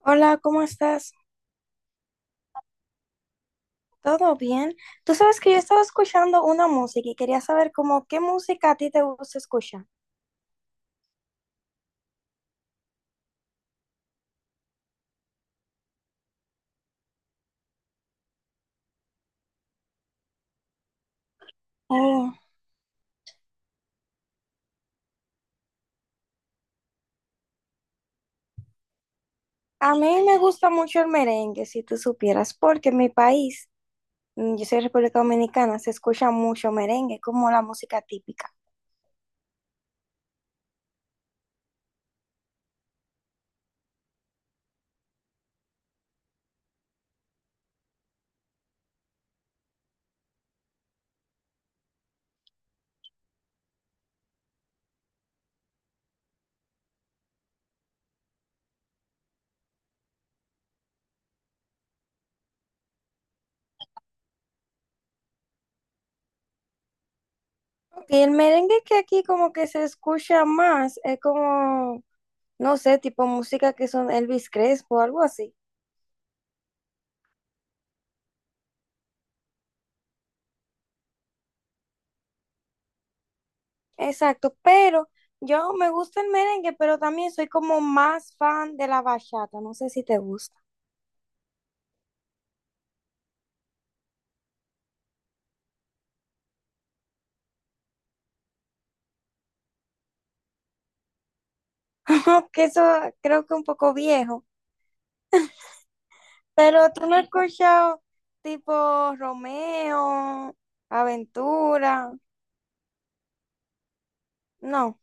Hola, ¿cómo estás? ¿Todo bien? Tú sabes que yo estaba escuchando una música y quería saber como qué música a ti te gusta escuchar. Oh, a mí me gusta mucho el merengue, si tú supieras, porque en mi país, yo soy de República Dominicana, se escucha mucho merengue, como la música típica. Y el merengue que aquí como que se escucha más, es como, no sé, tipo música que son Elvis Crespo algo así. Exacto, pero yo me gusta el merengue, pero también soy como más fan de la bachata, no sé si te gusta. Que eso creo que un poco viejo, pero tú no has escuchado tipo Romeo, Aventura, no.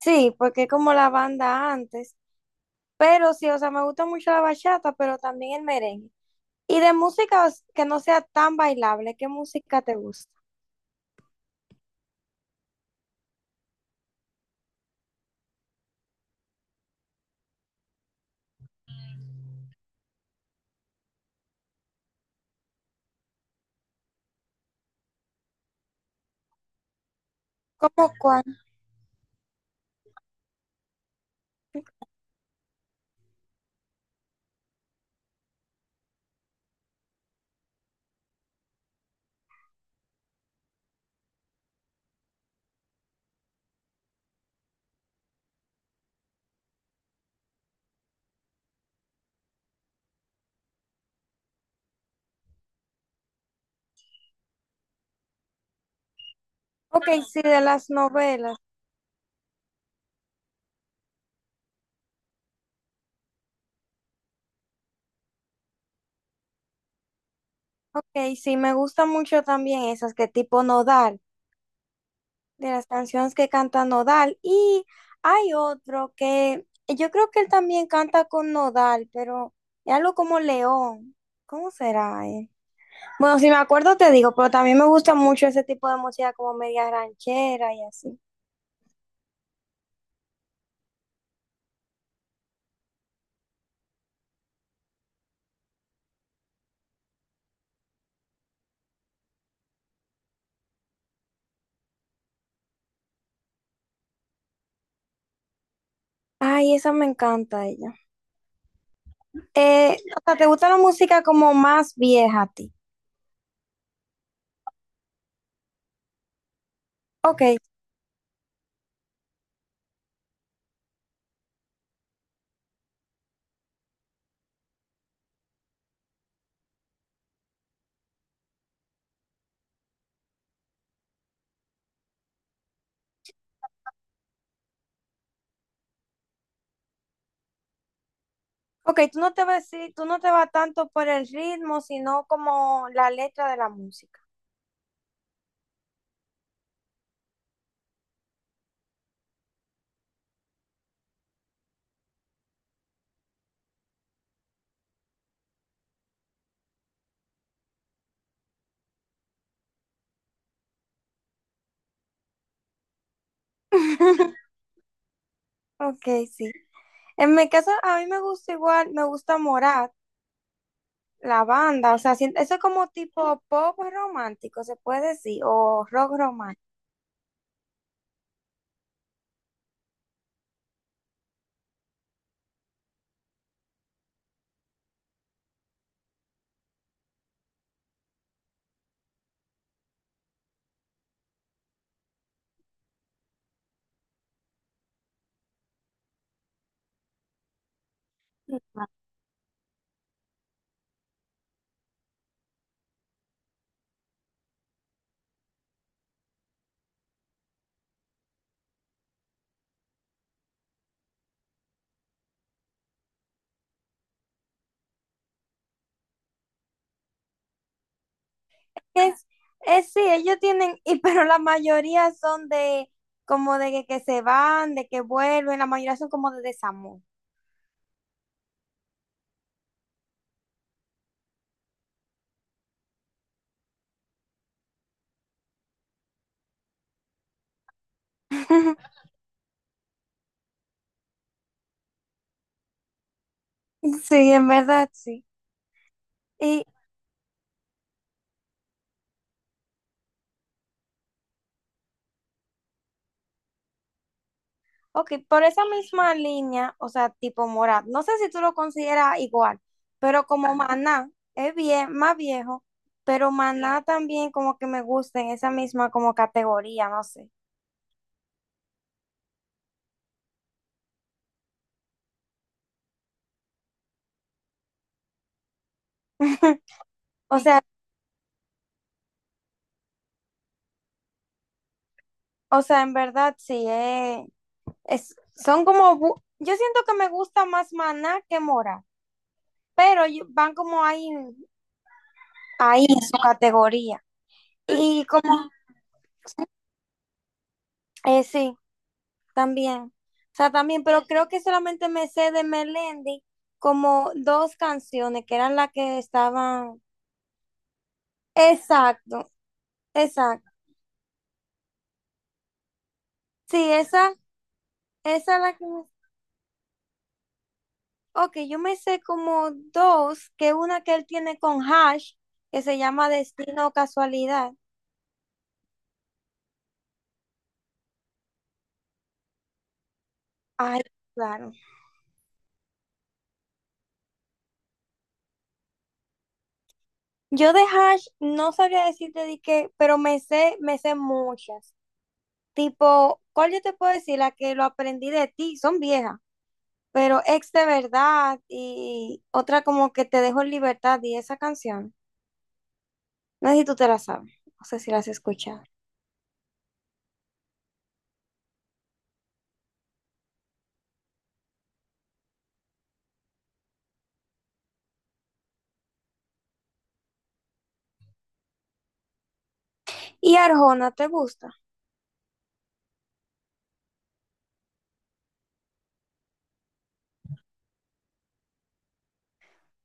Sí, porque es como la banda antes, pero sí, o sea, me gusta mucho la bachata, pero también el merengue. Y de música os- que no sea tan bailable, ¿qué música te gusta? ¿Cómo cuál? Ok, sí, de las novelas. Ok, sí, me gusta mucho también esas que tipo Nodal, de las canciones que canta Nodal. Y hay otro que yo creo que él también canta con Nodal, pero es algo como León. ¿Cómo será él? Bueno, si me acuerdo te digo, pero también me gusta mucho ese tipo de música como media ranchera y así. Ay, esa me encanta ella. O sea, ¿te gusta la música como más vieja a ti? Ok, ok, tú no te vas, sí, tú no te vas tanto por el ritmo, sino como la letra de la música. Ok, sí. En mi caso, a mí me gusta igual, me gusta Morat, la banda, o sea, si- eso es como tipo pop romántico, se puede decir, o rock romántico. Es, es sí, ellos tienen, y pero la mayoría son de como de que se van, de que vuelven, la mayoría son como de desamor. Sí, en verdad, sí. Y, Ok, por esa misma línea, o sea, tipo Morat, no sé si tú lo consideras igual, pero como Maná es bien, más viejo, pero Maná también como que me gusta en esa misma como categoría, no sé. O sea, o sea, en verdad sí, es, son como, bu- yo siento que me gusta más Maná que Morat, pero yo- van como ahí, ahí en su categoría. Y como, sí. También. O sea, también, pero creo que solamente me sé de Melendi como dos canciones que eran las que estaban. Exacto, exacto. Sí, esa es la que me- Ok, yo me sé como dos, que una que él tiene con Hash, que se llama Destino o Casualidad. Ay, claro. Yo de Hash no sabría decirte de qué, pero me sé muchas. Tipo, ¿cuál yo te puedo decir? La que lo aprendí de ti, son viejas. Pero ex de verdad y otra como que te dejo en libertad y esa canción, no sé si tú te la sabes, no sé si la has escuchado. Y Arjona, ¿te gusta?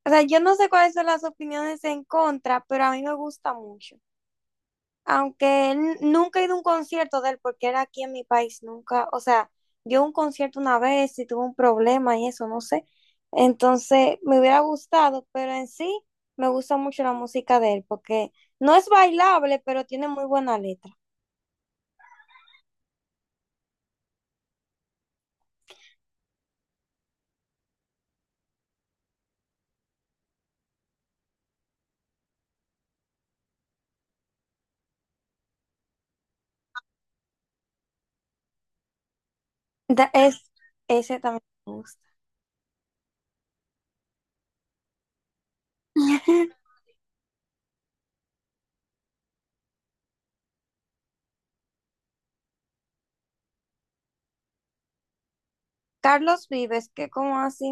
O sea, yo no sé cuáles son las opiniones en contra, pero a mí me gusta mucho. Aunque n- nunca he ido a un concierto de él porque era aquí en mi país, nunca, o sea, yo un concierto una vez y tuve un problema y eso, no sé. Entonces, me hubiera gustado, pero en sí me gusta mucho la música de él porque no es bailable, pero tiene muy buena letra. Da- es, ese también me gusta. Carlos Vives, que como así,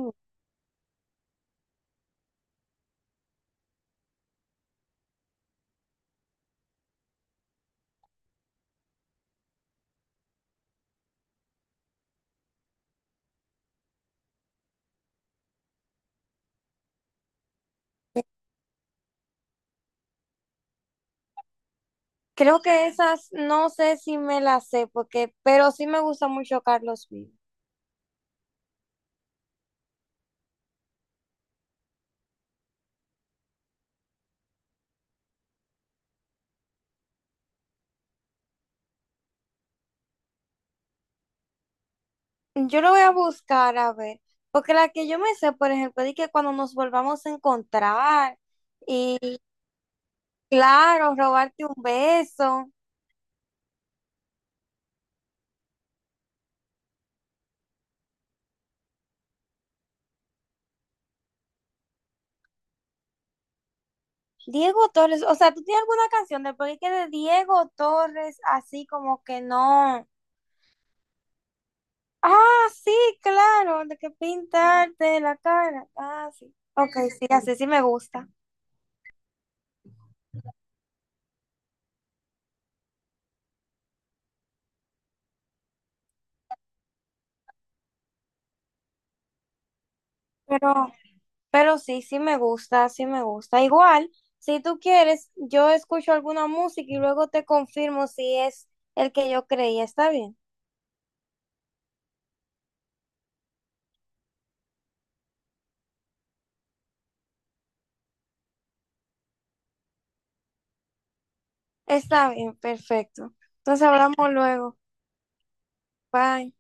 creo que esas no sé si me las sé, porque, pero sí me gusta mucho Carlos Vives. Yo lo voy a buscar a ver, porque la que yo me sé, por ejemplo, es que cuando nos volvamos a encontrar y claro, robarte un beso. Diego Torres, o sea, ¿tú tienes alguna canción del porque que de Diego Torres así como que no? Ah, sí, claro, de que pintarte la cara. Ah, sí. Ok, sí, así sí me gusta. Pero, pero sí, sí me gusta, sí me gusta. Igual, si tú quieres, yo escucho alguna música y luego te confirmo si es el que yo creía. ¿Está bien? Está bien, perfecto. Entonces hablamos luego. Bye.